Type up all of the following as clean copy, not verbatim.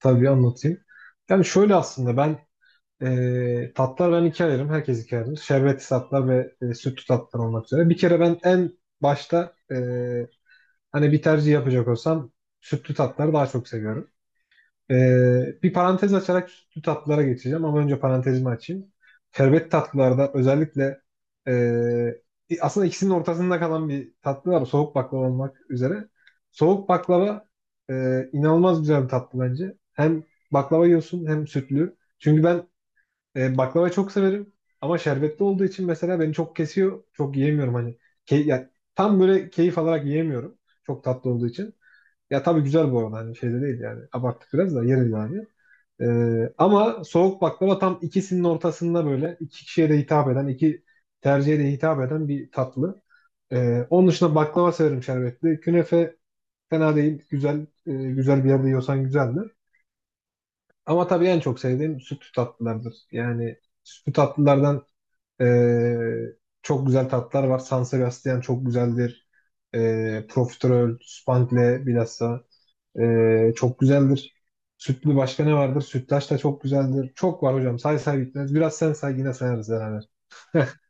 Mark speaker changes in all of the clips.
Speaker 1: Tabii anlatayım. Yani şöyle aslında ben tatlar ben ikiye ayırırım. Herkes ikiye ayırır. Şerbetli tatlar ve sütlü tatlar olmak üzere. Bir kere ben en başta hani bir tercih yapacak olsam sütlü tatları daha çok seviyorum. Bir parantez açarak sütlü tatlılara geçeceğim ama önce parantezimi açayım. Şerbet tatlılarda özellikle ee, aslında ikisinin ortasında kalan bir tatlı var, soğuk baklava olmak üzere. Soğuk baklava inanılmaz güzel bir tatlı bence. Hem baklava yiyorsun hem sütlü. Çünkü ben baklavayı çok severim ama şerbetli olduğu için mesela beni çok kesiyor. Çok yiyemiyorum hani. Key yani tam böyle keyif alarak yiyemiyorum. Çok tatlı olduğu için. Ya tabii güzel bu arada hani şeyde değil yani. Abarttık biraz da yeriz yani. Ama soğuk baklava tam ikisinin ortasında, böyle iki kişiye de hitap eden, iki tercihe de hitap eden bir tatlı. Onun dışında baklava severim şerbetli. Künefe fena değil. Güzel, güzel bir yerde yiyorsan güzeldir. Ama tabii en çok sevdiğim sütlü tatlılardır. Yani sütlü tatlılardan e, çok güzel tatlılar var. San Sebastian çok güzeldir. E, profiterol, spangle bilhassa. Çok güzeldir. Sütlü başka ne vardır? Sütlaç da çok güzeldir. Çok var hocam. Say say bitmez. Biraz sen say, yine sayarız beraber.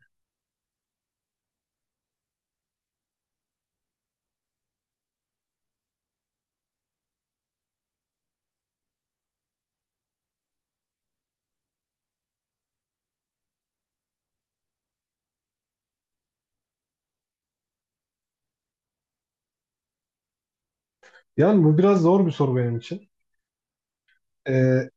Speaker 1: Yani bu biraz zor bir soru benim için. Ee,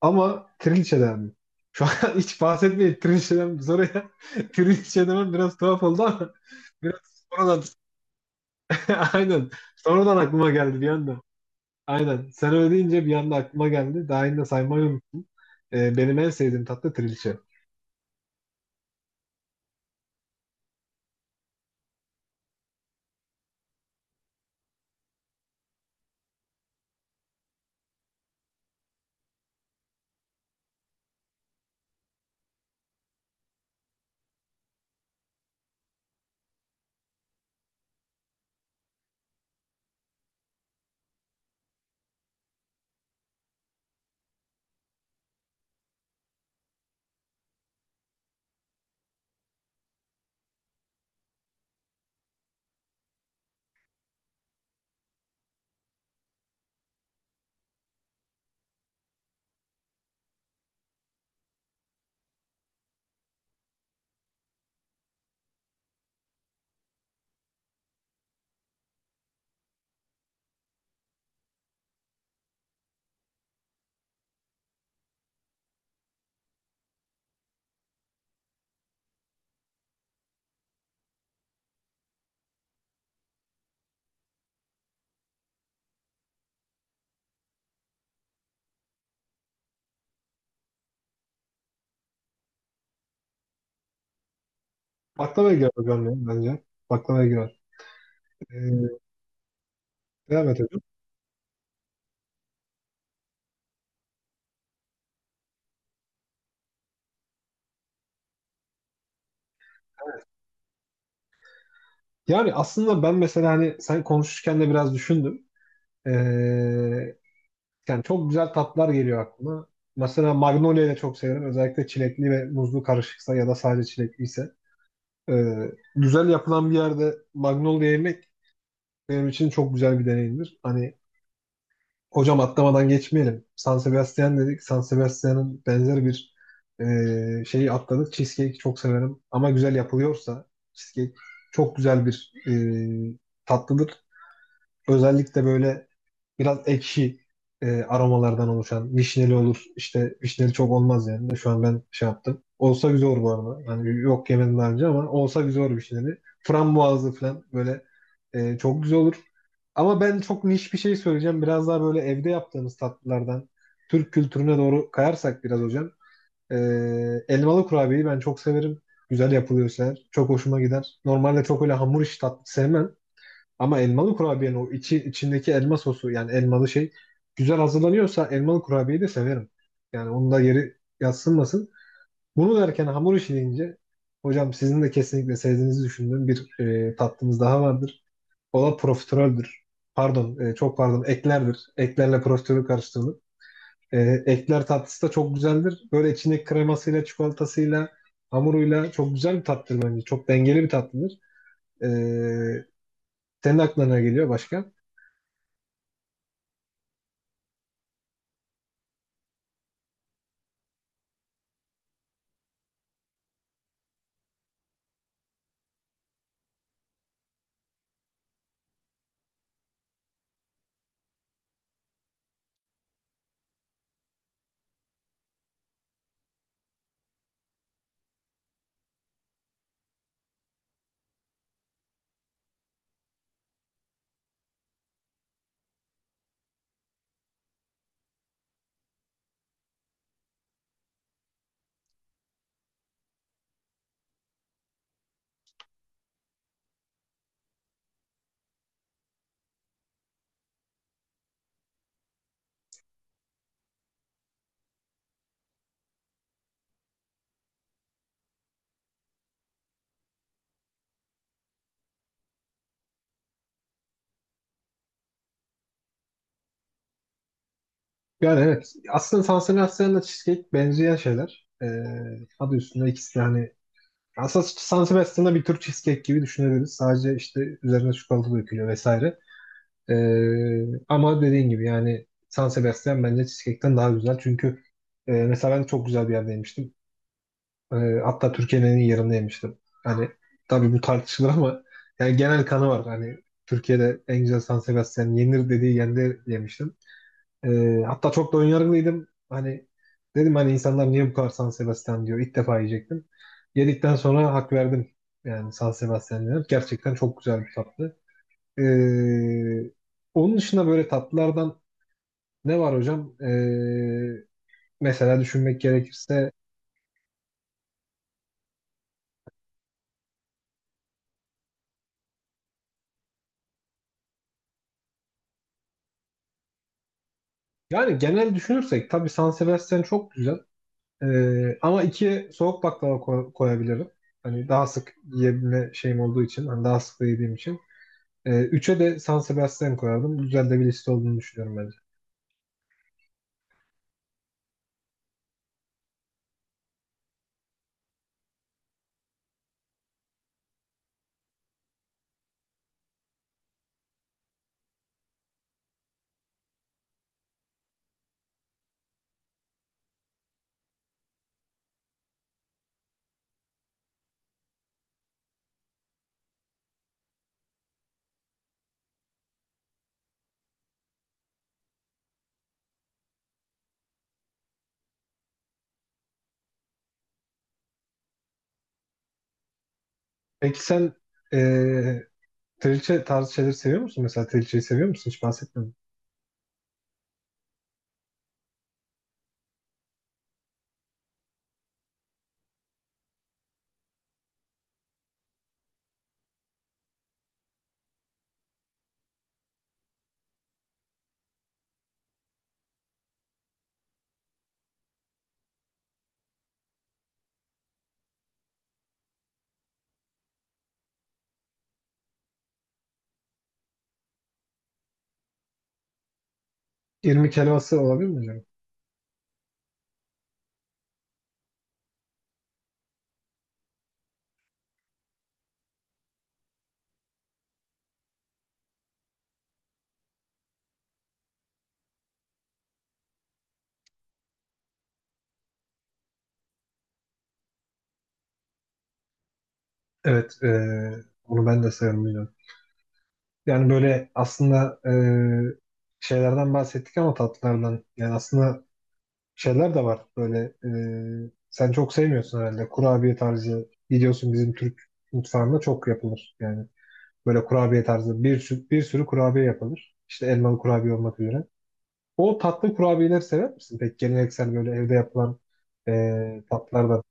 Speaker 1: Ama trilçeden mi? Şu an hiç bahsetmeyin trilçeden bu soruya. Trilçe demem biraz tuhaf oldu ama biraz sonradan aynen, sonradan aklıma geldi bir anda. Aynen. Sen öyle deyince bir anda aklıma geldi. Daha yine saymayı unuttum. Benim en sevdiğim tatlı trilçe. Baklava girer hocam ya, bence. Baklava girer. Ee, Evet, evet. Yani aslında ben mesela hani sen konuşurken de biraz düşündüm. Ee, Yani çok güzel tatlar geliyor aklıma. Mesela Magnolia'yı da çok severim. Özellikle çilekli ve muzlu karışıksa ya da sadece çilekliyse. Ee, Güzel yapılan bir yerde Magnolia yemek benim için çok güzel bir deneyimdir. Hani hocam, atlamadan geçmeyelim. San Sebastian dedik. San Sebastian'ın benzer bir şeyi atladık. Cheesecake çok severim. Ama güzel yapılıyorsa cheesecake çok güzel bir ee, tatlıdır. Özellikle böyle biraz ekşi aromalardan oluşan vişneli olur. İşte vişneli çok olmaz yani. De şu an ben şey yaptım. Olsa güzel olur bu arada. Yani yok, yemedim daha önce ama olsa güzel olur vişneli. Frambuazlı falan böyle çok güzel olur. Ama ben çok niş bir şey söyleyeceğim. Biraz daha böyle evde yaptığımız tatlılardan Türk kültürüne doğru kayarsak biraz hocam. E, Elmalı kurabiyeyi ben çok severim. Güzel yapılıyorsa eğer. Çok hoşuma gider. Normalde çok öyle hamur işi tatlı sevmem. Ama elmalı kurabiyenin o içi, içindeki elma sosu, yani elmalı şey güzel hazırlanıyorsa elmalı kurabiyeyi de severim. Yani onun da yeri yadsınmasın. Bunu derken, hamur işi deyince hocam, sizin de kesinlikle sevdiğinizi düşündüğüm bir tatlımız daha vardır. O da profiteroldür. Pardon, çok pardon, eklerdir. Eklerle profiterol karıştırılır. E, Ekler tatlısı da çok güzeldir. Böyle içindeki kremasıyla, çikolatasıyla, hamuruyla çok güzel bir tatlıdır bence. Çok dengeli bir tatlıdır. E, Senin aklına ne geliyor başka? Yani evet. Aslında Sansebastian'la cheesecake benzeyen şeyler. Adı üstünde ikisi de, hani aslında San bir tür cheesecake gibi düşünebiliriz. Sadece işte üzerine çikolata dökülüyor vesaire. Ama dediğin gibi yani San Sebastian bence cheesecake'ten daha güzel. Çünkü mesela ben çok güzel bir yerde yemiştim. Ee, Hatta Türkiye'nin en iyi yerinde yemiştim. Hani tabii bu tartışılır ama yani genel kanı var. Hani Türkiye'de en güzel San Sebastian yenir dediği yerde yemiştim. Hatta çok da önyargılıydım. Hani dedim, hani insanlar niye bu kadar San Sebastian diyor. İlk defa yiyecektim. Yedikten sonra hak verdim. Yani San Sebastian dedim, gerçekten çok güzel bir tatlı. Ee, Onun dışında böyle tatlılardan ne var hocam? Mesela düşünmek gerekirse, yani genel düşünürsek tabii San Sebastian çok güzel. Ama iki, soğuk baklava koyabilirim. Hani daha sık yiyebilme şeyim olduğu için, hani daha sık da yediğim için. E, üçe de San Sebastian koyardım. Güzel de bir liste olduğunu düşünüyorum bence. Peki sen e, trilce tarzı şeyleri seviyor musun? Mesela trilceyi seviyor musun? Hiç bahsetmedim. İrmik helvası olabilir mi acaba? Evet. Onu ben de severim, biliyorum. Yani böyle aslında şeylerden bahsettik ama tatlılardan. Yani aslında şeyler de var. Böyle sen çok sevmiyorsun herhalde, kurabiye tarzı. Biliyorsun bizim Türk mutfağında çok yapılır. Yani böyle kurabiye tarzı bir, bir sürü kurabiye yapılır. İşte elmalı kurabiye olmak üzere. O tatlı kurabiyeleri sever misin? Peki geleneksel, böyle evde yapılan tatlılardan.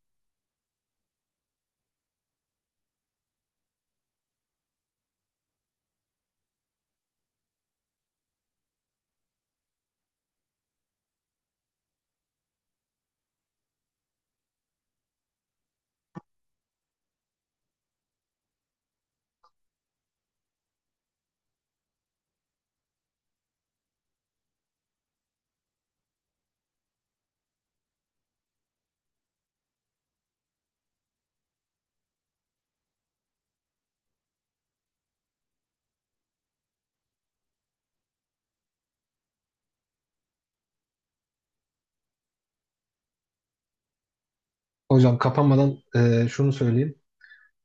Speaker 1: Hocam kapanmadan şunu söyleyeyim.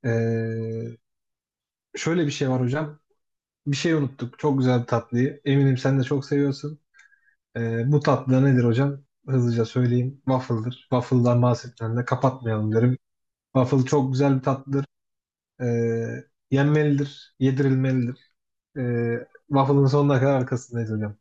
Speaker 1: E, Şöyle bir şey var hocam. Bir şey unuttuk, çok güzel bir tatlıyı. Eminim sen de çok seviyorsun. Bu tatlı nedir hocam? Hızlıca söyleyeyim. Waffle'dır. Waffle'dan bahsetmeden de kapatmayalım derim. Waffle çok güzel bir tatlıdır. E, Yenmelidir, yedirilmelidir. Waffle'ın sonuna kadar arkasındayız hocam.